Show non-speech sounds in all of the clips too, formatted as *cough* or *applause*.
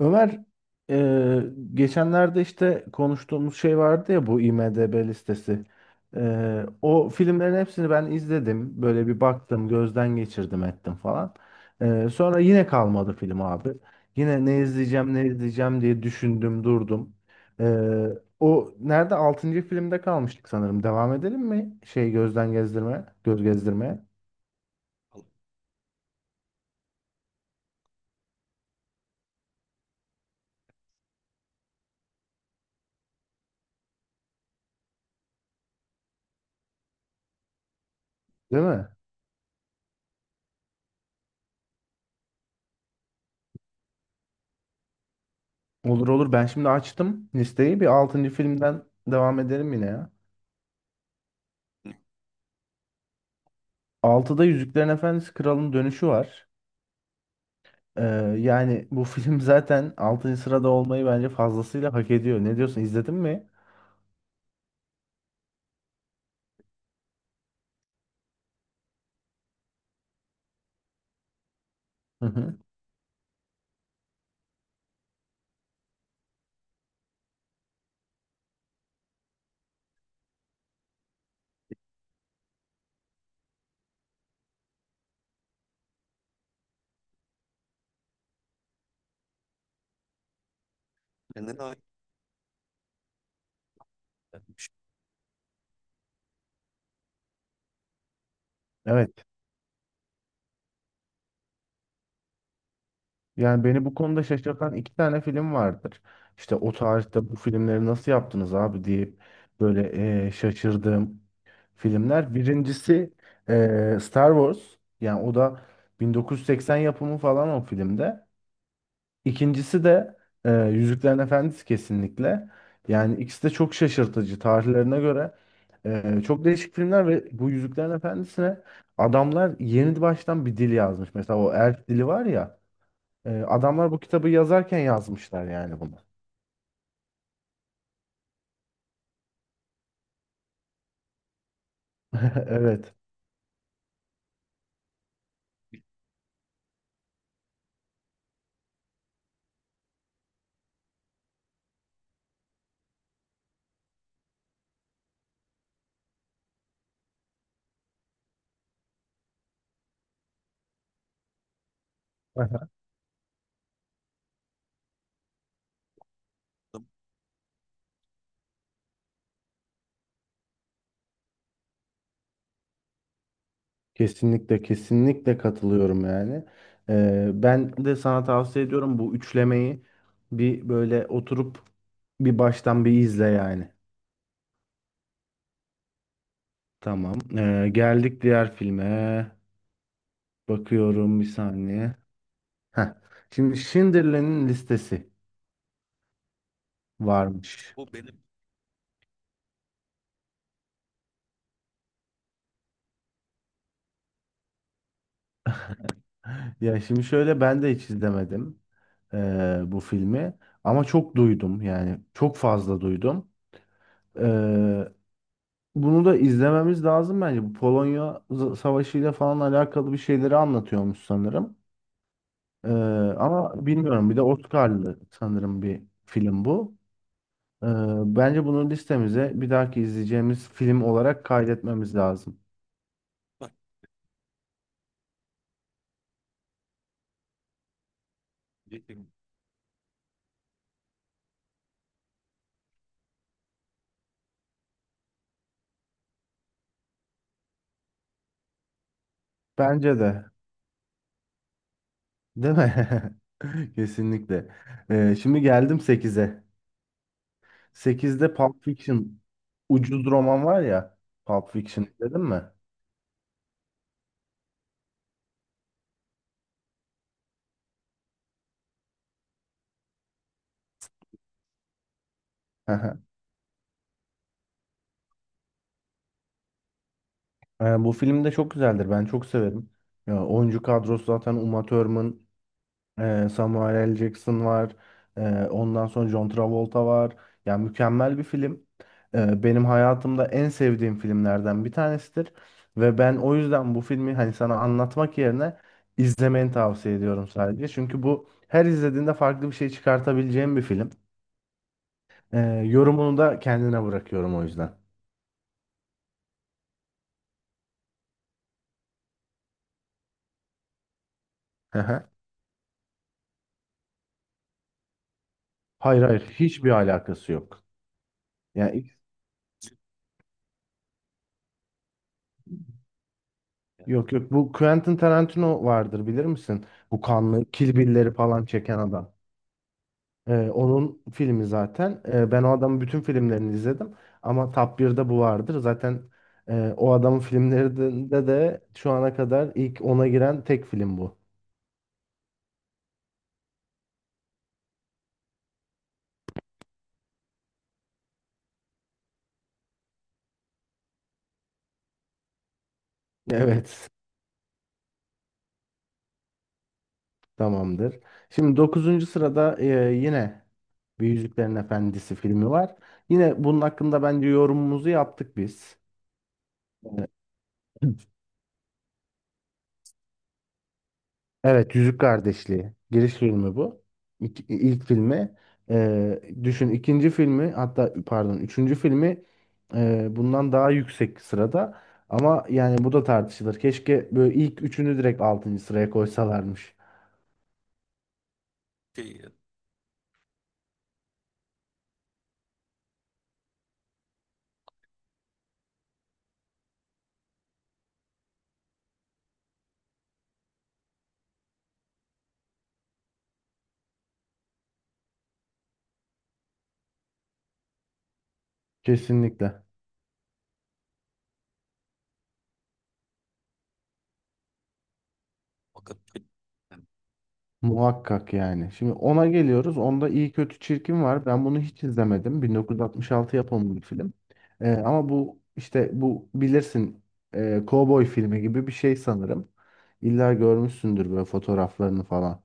Ömer e, geçenlerde işte konuştuğumuz şey vardı ya bu IMDb listesi. O filmlerin hepsini ben izledim. Böyle bir baktım, gözden geçirdim ettim falan. Sonra yine kalmadı film abi. Yine ne izleyeceğim ne izleyeceğim diye düşündüm durdum. E, o nerede? Altıncı filmde kalmıştık sanırım. Devam edelim mi? Göz gezdirmeye. Değil mi? Olur olur. Ben şimdi açtım listeyi. Bir altıncı filmden devam edelim yine ya. Altıda Yüzüklerin Efendisi Kral'ın dönüşü var. Ee, yani bu *laughs* film zaten 6. sırada olmayı bence fazlasıyla hak ediyor. Ne diyorsun? İzledin mi? Hı hı. Evet. Yani beni bu konuda şaşırtan iki tane film vardır. İşte o tarihte bu filmleri nasıl yaptınız abi diye böyle şaşırdığım filmler. Birincisi Star Wars. Yani o da 1980 yapımı falan o filmde. İkincisi de Yüzüklerin Efendisi kesinlikle. Yani ikisi de çok şaşırtıcı tarihlerine göre. Çok değişik filmler ve bu Yüzüklerin Efendisi'ne adamlar yeni baştan bir dil yazmış. Mesela o elf dili var ya. Adamlar bu kitabı yazarken yazmışlar yani bunu. *laughs* Evet. Aha. Kesinlikle kesinlikle katılıyorum yani. Ben de sana tavsiye ediyorum bu üçlemeyi bir böyle oturup bir baştan bir izle yani. Tamam. Geldik diğer filme. Bakıyorum bir saniye. Heh. Şimdi Schindler'in listesi varmış. *laughs* Ya şimdi şöyle ben de hiç izlemedim bu filmi. Ama çok duydum yani. Çok fazla duydum. Ee, bunu da izlememiz lazım bence. Bu Polonya Savaşı ile falan alakalı bir şeyleri anlatıyormuş sanırım. Ee, ama bilmiyorum. Bir de Oscar'lı sanırım bir film bu. Ee, Bence bunu listemize bir dahaki izleyeceğimiz film olarak kaydetmemiz lazım. Bence de. Değil mi? *laughs* Kesinlikle. Şimdi geldim sekize. 8'de Pulp Fiction ucuz roman var ya. Pulp Fiction izledin mi? *laughs* Bu film de çok güzeldir. Ben çok severim. Ya, oyuncu kadrosu zaten Uma Thurman, Samuel L. Jackson var. Ee, ondan sonra John Travolta var. Yani mükemmel bir film. Benim hayatımda en sevdiğim filmlerden bir tanesidir. Ve ben o yüzden bu filmi hani sana anlatmak yerine izlemeni tavsiye ediyorum sadece. Çünkü bu her izlediğinde farklı bir şey çıkartabileceğim bir film. Ee, yorumunu da kendine bırakıyorum o yüzden. Hı hı. Hayır hayır hiçbir alakası yok. Yani ilk- yok yok bu Quentin Tarantino vardır bilir misin? Bu kanlı Kill Bill'leri falan çeken adam. Onun filmi zaten. Ben o adamın bütün filmlerini izledim. Ama Top 1'de bu vardır. Zaten o adamın filmlerinde de şu ana kadar ilk ona giren tek film bu. *laughs* Evet. Tamamdır. Şimdi dokuzuncu sırada yine bir Yüzüklerin Efendisi filmi var. Yine bunun hakkında bence yorumumuzu yaptık biz. Evet, Yüzük Kardeşliği. Giriş filmi bu. İlk filmi. Düşün ikinci filmi hatta pardon üçüncü filmi bundan daha yüksek sırada. Ama yani bu da tartışılır. Keşke böyle ilk üçünü direkt altıncı sıraya koysalarmış. Kesinlikle. Muhakkak yani. Şimdi ona geliyoruz. Onda iyi kötü çirkin var. Ben bunu hiç izlemedim. 1966 yapımı bir film. Ama bu işte bu bilirsin kovboy filmi gibi bir şey sanırım. İlla görmüşsündür böyle fotoğraflarını falan.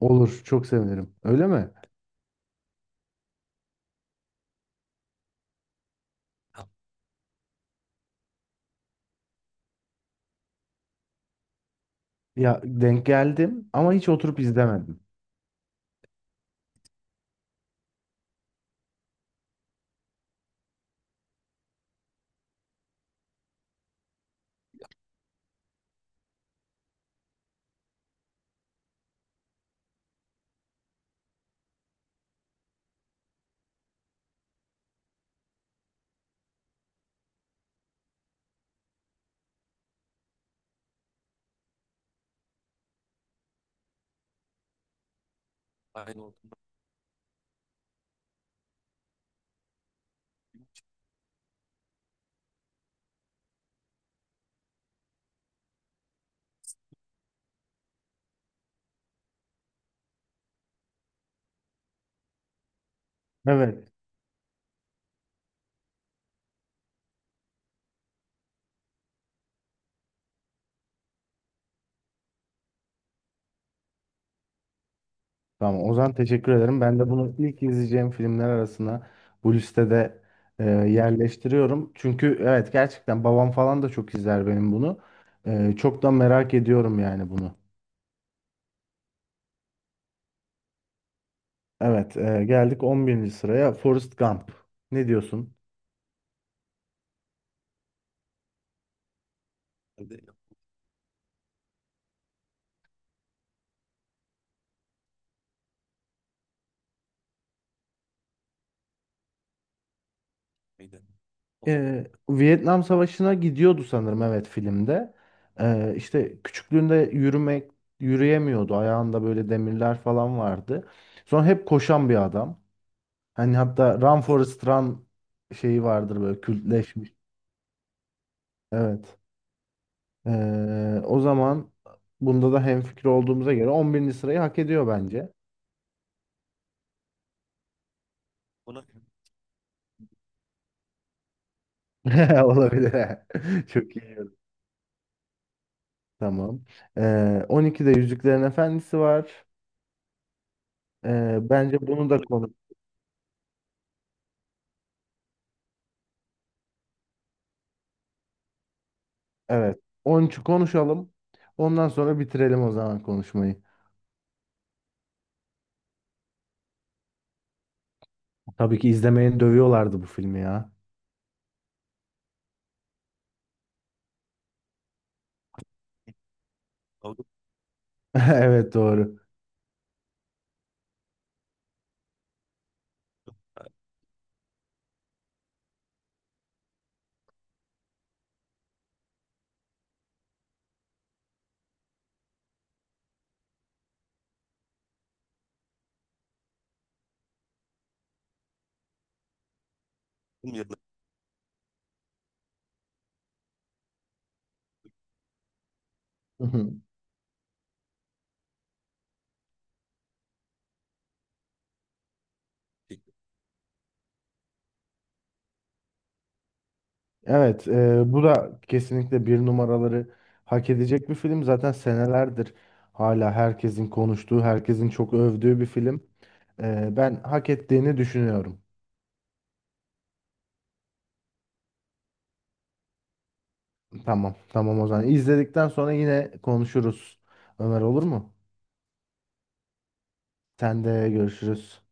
Olur, çok sevinirim. Öyle mi? Ya denk geldim ama hiç oturup izlemedim. Evet. Tamam Ozan, teşekkür ederim. Ben de bunu ilk izleyeceğim filmler arasına bu listede yerleştiriyorum. Çünkü evet gerçekten babam falan da çok izler benim bunu. Çok da merak ediyorum yani bunu. Evet, geldik 11. sıraya Forrest Gump. Ne diyorsun? E, Vietnam Savaşı'na gidiyordu sanırım evet filmde. E, işte küçüklüğünde yürüyemiyordu. Ayağında böyle demirler falan vardı. Sonra hep koşan bir adam. Hani hatta Run Forest Run şeyi vardır böyle kültleşmiş. Evet. O zaman bunda da hemfikir olduğumuza göre 11. sırayı hak ediyor bence. *laughs* Olabilir. *laughs* Çok iyi. Tamam. 12'de Yüzüklerin Efendisi var. Bence bunu da konu. Evet. 13'ü konuşalım. Ondan sonra bitirelim o zaman konuşmayı. Tabii ki izlemeyen dövüyorlardı bu filmi ya. *laughs* Evet, doğru. *laughs* Evet, bu da kesinlikle bir numaraları hak edecek bir film. Zaten senelerdir hala herkesin konuştuğu, herkesin çok övdüğü bir film. Ben hak ettiğini düşünüyorum. Tamam, tamam o zaman. İzledikten sonra yine konuşuruz. Ömer, olur mu? Sen de görüşürüz.